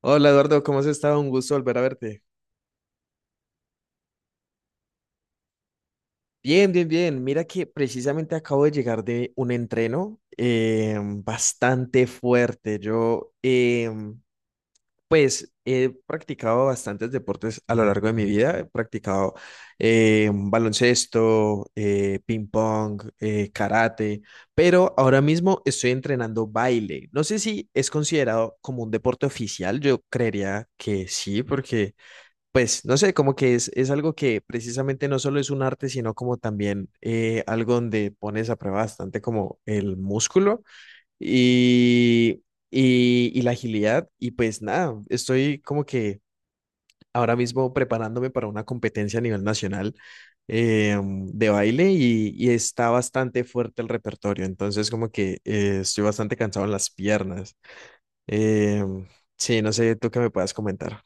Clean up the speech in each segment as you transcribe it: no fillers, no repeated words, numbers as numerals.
Hola Eduardo, ¿cómo has estado? Un gusto volver a verte. Bien, bien, bien. Mira que precisamente acabo de llegar de un entreno bastante fuerte. Yo, pues, he practicado bastantes deportes a lo largo de mi vida. He practicado baloncesto, ping pong, karate, pero ahora mismo estoy entrenando baile. No sé si es considerado como un deporte oficial. Yo creería que sí, porque pues no sé, como que es algo que precisamente no solo es un arte, sino como también algo donde pones a prueba bastante como el músculo y, y la agilidad. Y pues nada, estoy como que ahora mismo preparándome para una competencia a nivel nacional de baile y está bastante fuerte el repertorio. Entonces como que estoy bastante cansado en las piernas. Eh, sí, no sé, tú qué me puedas comentar.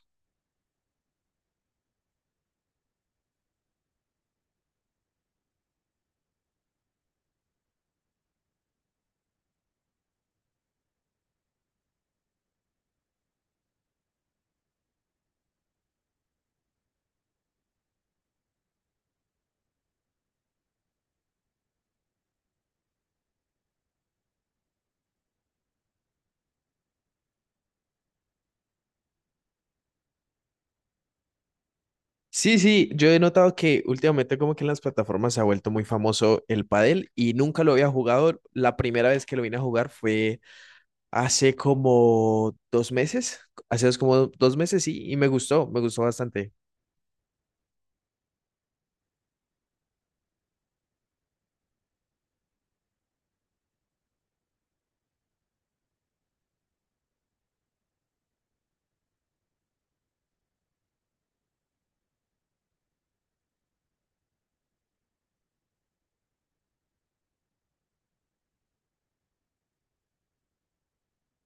Sí, sí, yo he notado que últimamente como que en las plataformas se ha vuelto muy famoso el pádel y nunca lo había jugado. La primera vez que lo vine a jugar fue hace como dos meses, como dos meses, sí, y me gustó bastante.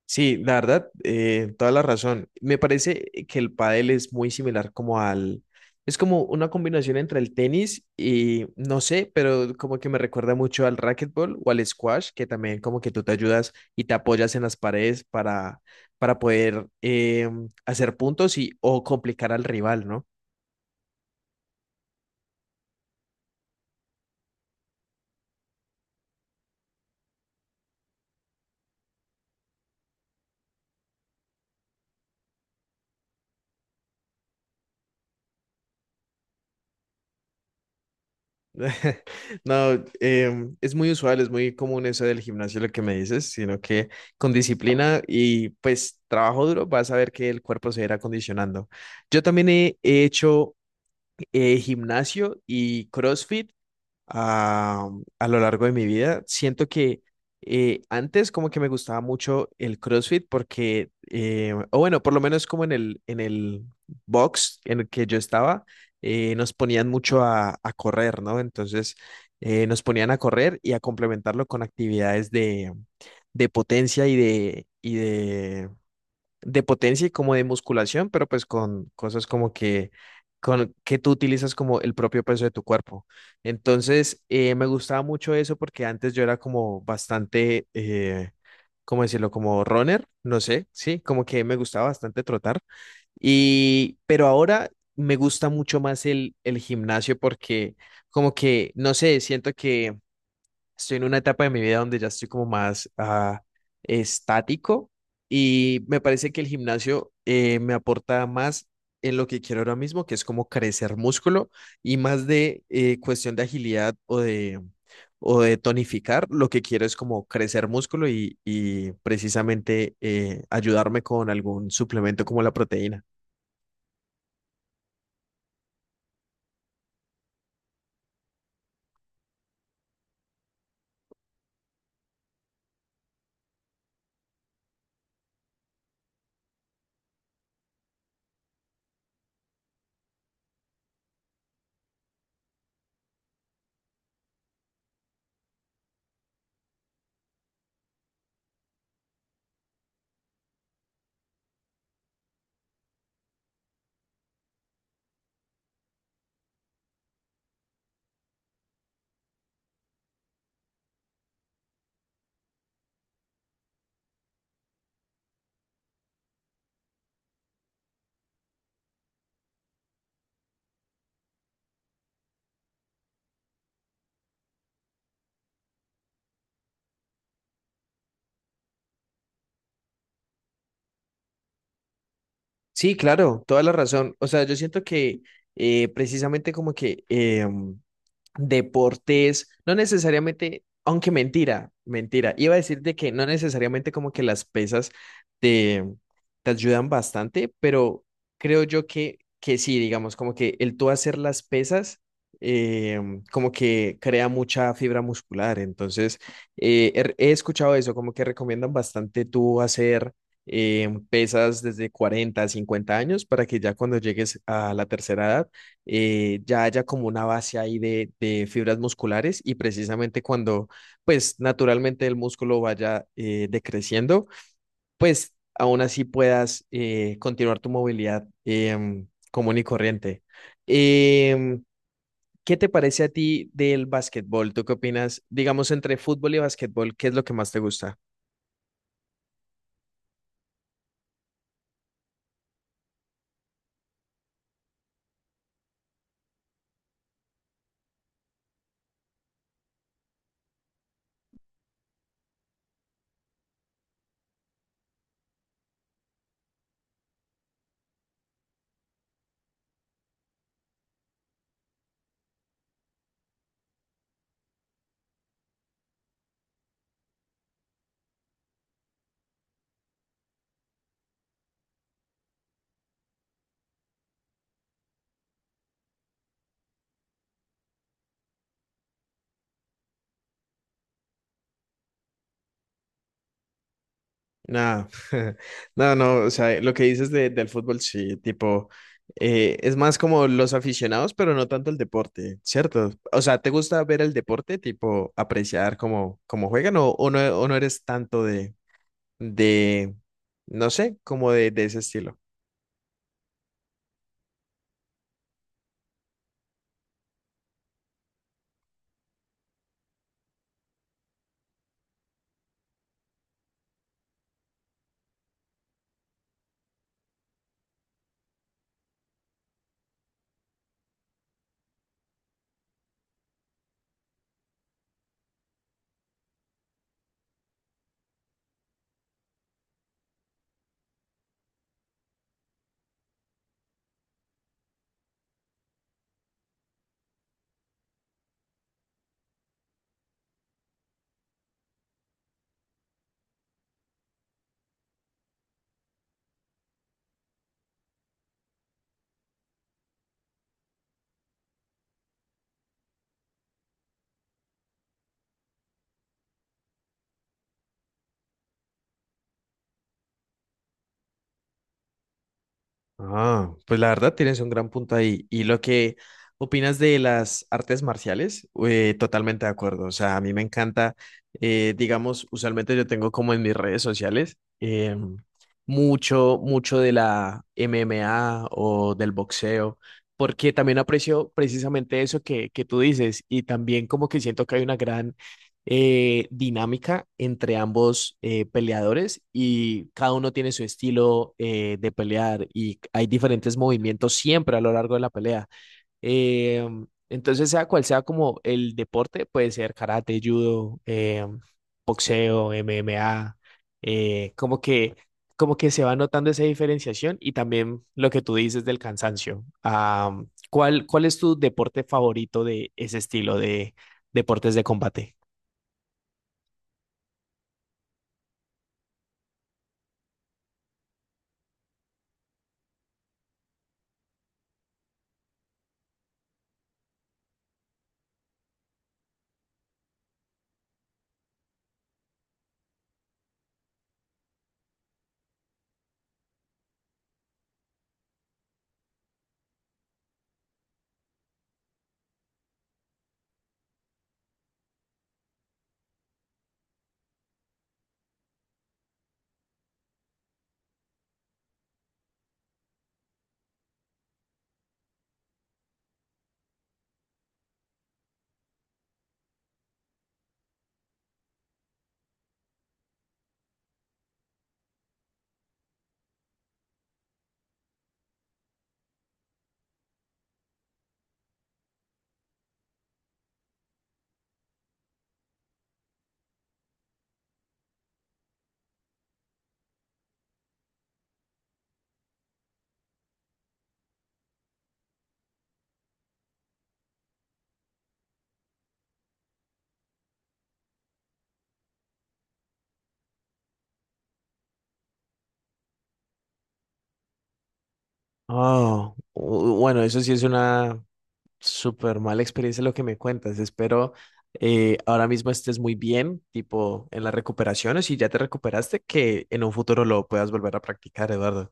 Sí, la verdad, toda la razón. Me parece que el pádel es muy similar como al... Es como una combinación entre el tenis y no sé, pero como que me recuerda mucho al racquetball o al squash, que también como que tú te ayudas y te apoyas en las paredes para poder hacer puntos y o complicar al rival, ¿no? No, es muy usual, es muy común eso del gimnasio, lo que me dices, sino que con disciplina y pues trabajo duro vas a ver que el cuerpo se irá acondicionando. Yo también he hecho gimnasio y CrossFit a, a lo largo de mi vida. Siento que antes como que me gustaba mucho el CrossFit porque, o bueno, por lo menos como en el box en el que yo estaba, nos ponían mucho a correr, ¿no? Entonces nos ponían a correr y a complementarlo con actividades de potencia y de de potencia y como de musculación, pero pues con cosas como que, con, que tú utilizas como el propio peso de tu cuerpo. Entonces, me gustaba mucho eso porque antes yo era como bastante, ¿cómo decirlo? Como runner, no sé, sí, como que me gustaba bastante trotar. Y, pero ahora me gusta mucho más el gimnasio porque como que, no sé, siento que estoy en una etapa de mi vida donde ya estoy como más estático y me parece que el gimnasio me aporta más en lo que quiero ahora mismo, que es como crecer músculo y más de cuestión de agilidad o de tonificar. Lo que quiero es como crecer músculo y precisamente ayudarme con algún suplemento como la proteína. Sí, claro, toda la razón. O sea, yo siento que precisamente como que... deportes, no necesariamente, aunque mentira, mentira, iba a decirte que no necesariamente como que las pesas te, te ayudan bastante, pero creo yo que sí, digamos, como que el tú hacer las pesas, eh, como que crea mucha fibra muscular, entonces eh, he escuchado eso, como que recomiendan bastante tú hacer... pesas desde 40 a 50 años para que ya cuando llegues a la tercera edad ya haya como una base ahí de fibras musculares y precisamente cuando pues naturalmente el músculo vaya decreciendo, pues aún así puedas continuar tu movilidad común y corriente. Em, ¿Qué te parece a ti del básquetbol? ¿Tú qué opinas? Digamos, entre fútbol y básquetbol, ¿qué es lo que más te gusta? Nada, no, no, o sea, lo que dices del fútbol, sí, tipo, es más como los aficionados, pero no tanto el deporte, ¿cierto? O sea, ¿te gusta ver el deporte, tipo, apreciar cómo, cómo juegan o no eres tanto de, no sé, como de ese estilo? Ah, pues la verdad tienes un gran punto ahí. Y lo que opinas de las artes marciales, totalmente de acuerdo. O sea, a mí me encanta, digamos, usualmente yo tengo como en mis redes sociales mucho, mucho de la MMA o del boxeo, porque también aprecio precisamente eso que tú dices y también como que siento que hay una gran dinámica entre ambos peleadores y cada uno tiene su estilo de pelear y hay diferentes movimientos siempre a lo largo de la pelea. Eh, entonces, sea cual sea como el deporte, puede ser karate, judo, boxeo, MMA, eh, como que, como que se va notando esa diferenciación y también lo que tú dices del cansancio. Ah, ¿cuál, cuál es tu deporte favorito de ese estilo de deportes de combate? Oh, bueno, eso sí es una súper mala experiencia lo que me cuentas. Espero ahora mismo estés muy bien, tipo en las recuperaciones, y ya te recuperaste, que en un futuro lo puedas volver a practicar, Eduardo.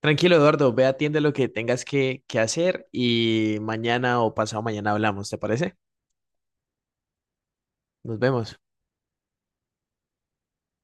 Tranquilo, Eduardo, ve, atiende lo que tengas que hacer y mañana o pasado mañana hablamos, ¿te parece? Nos vemos.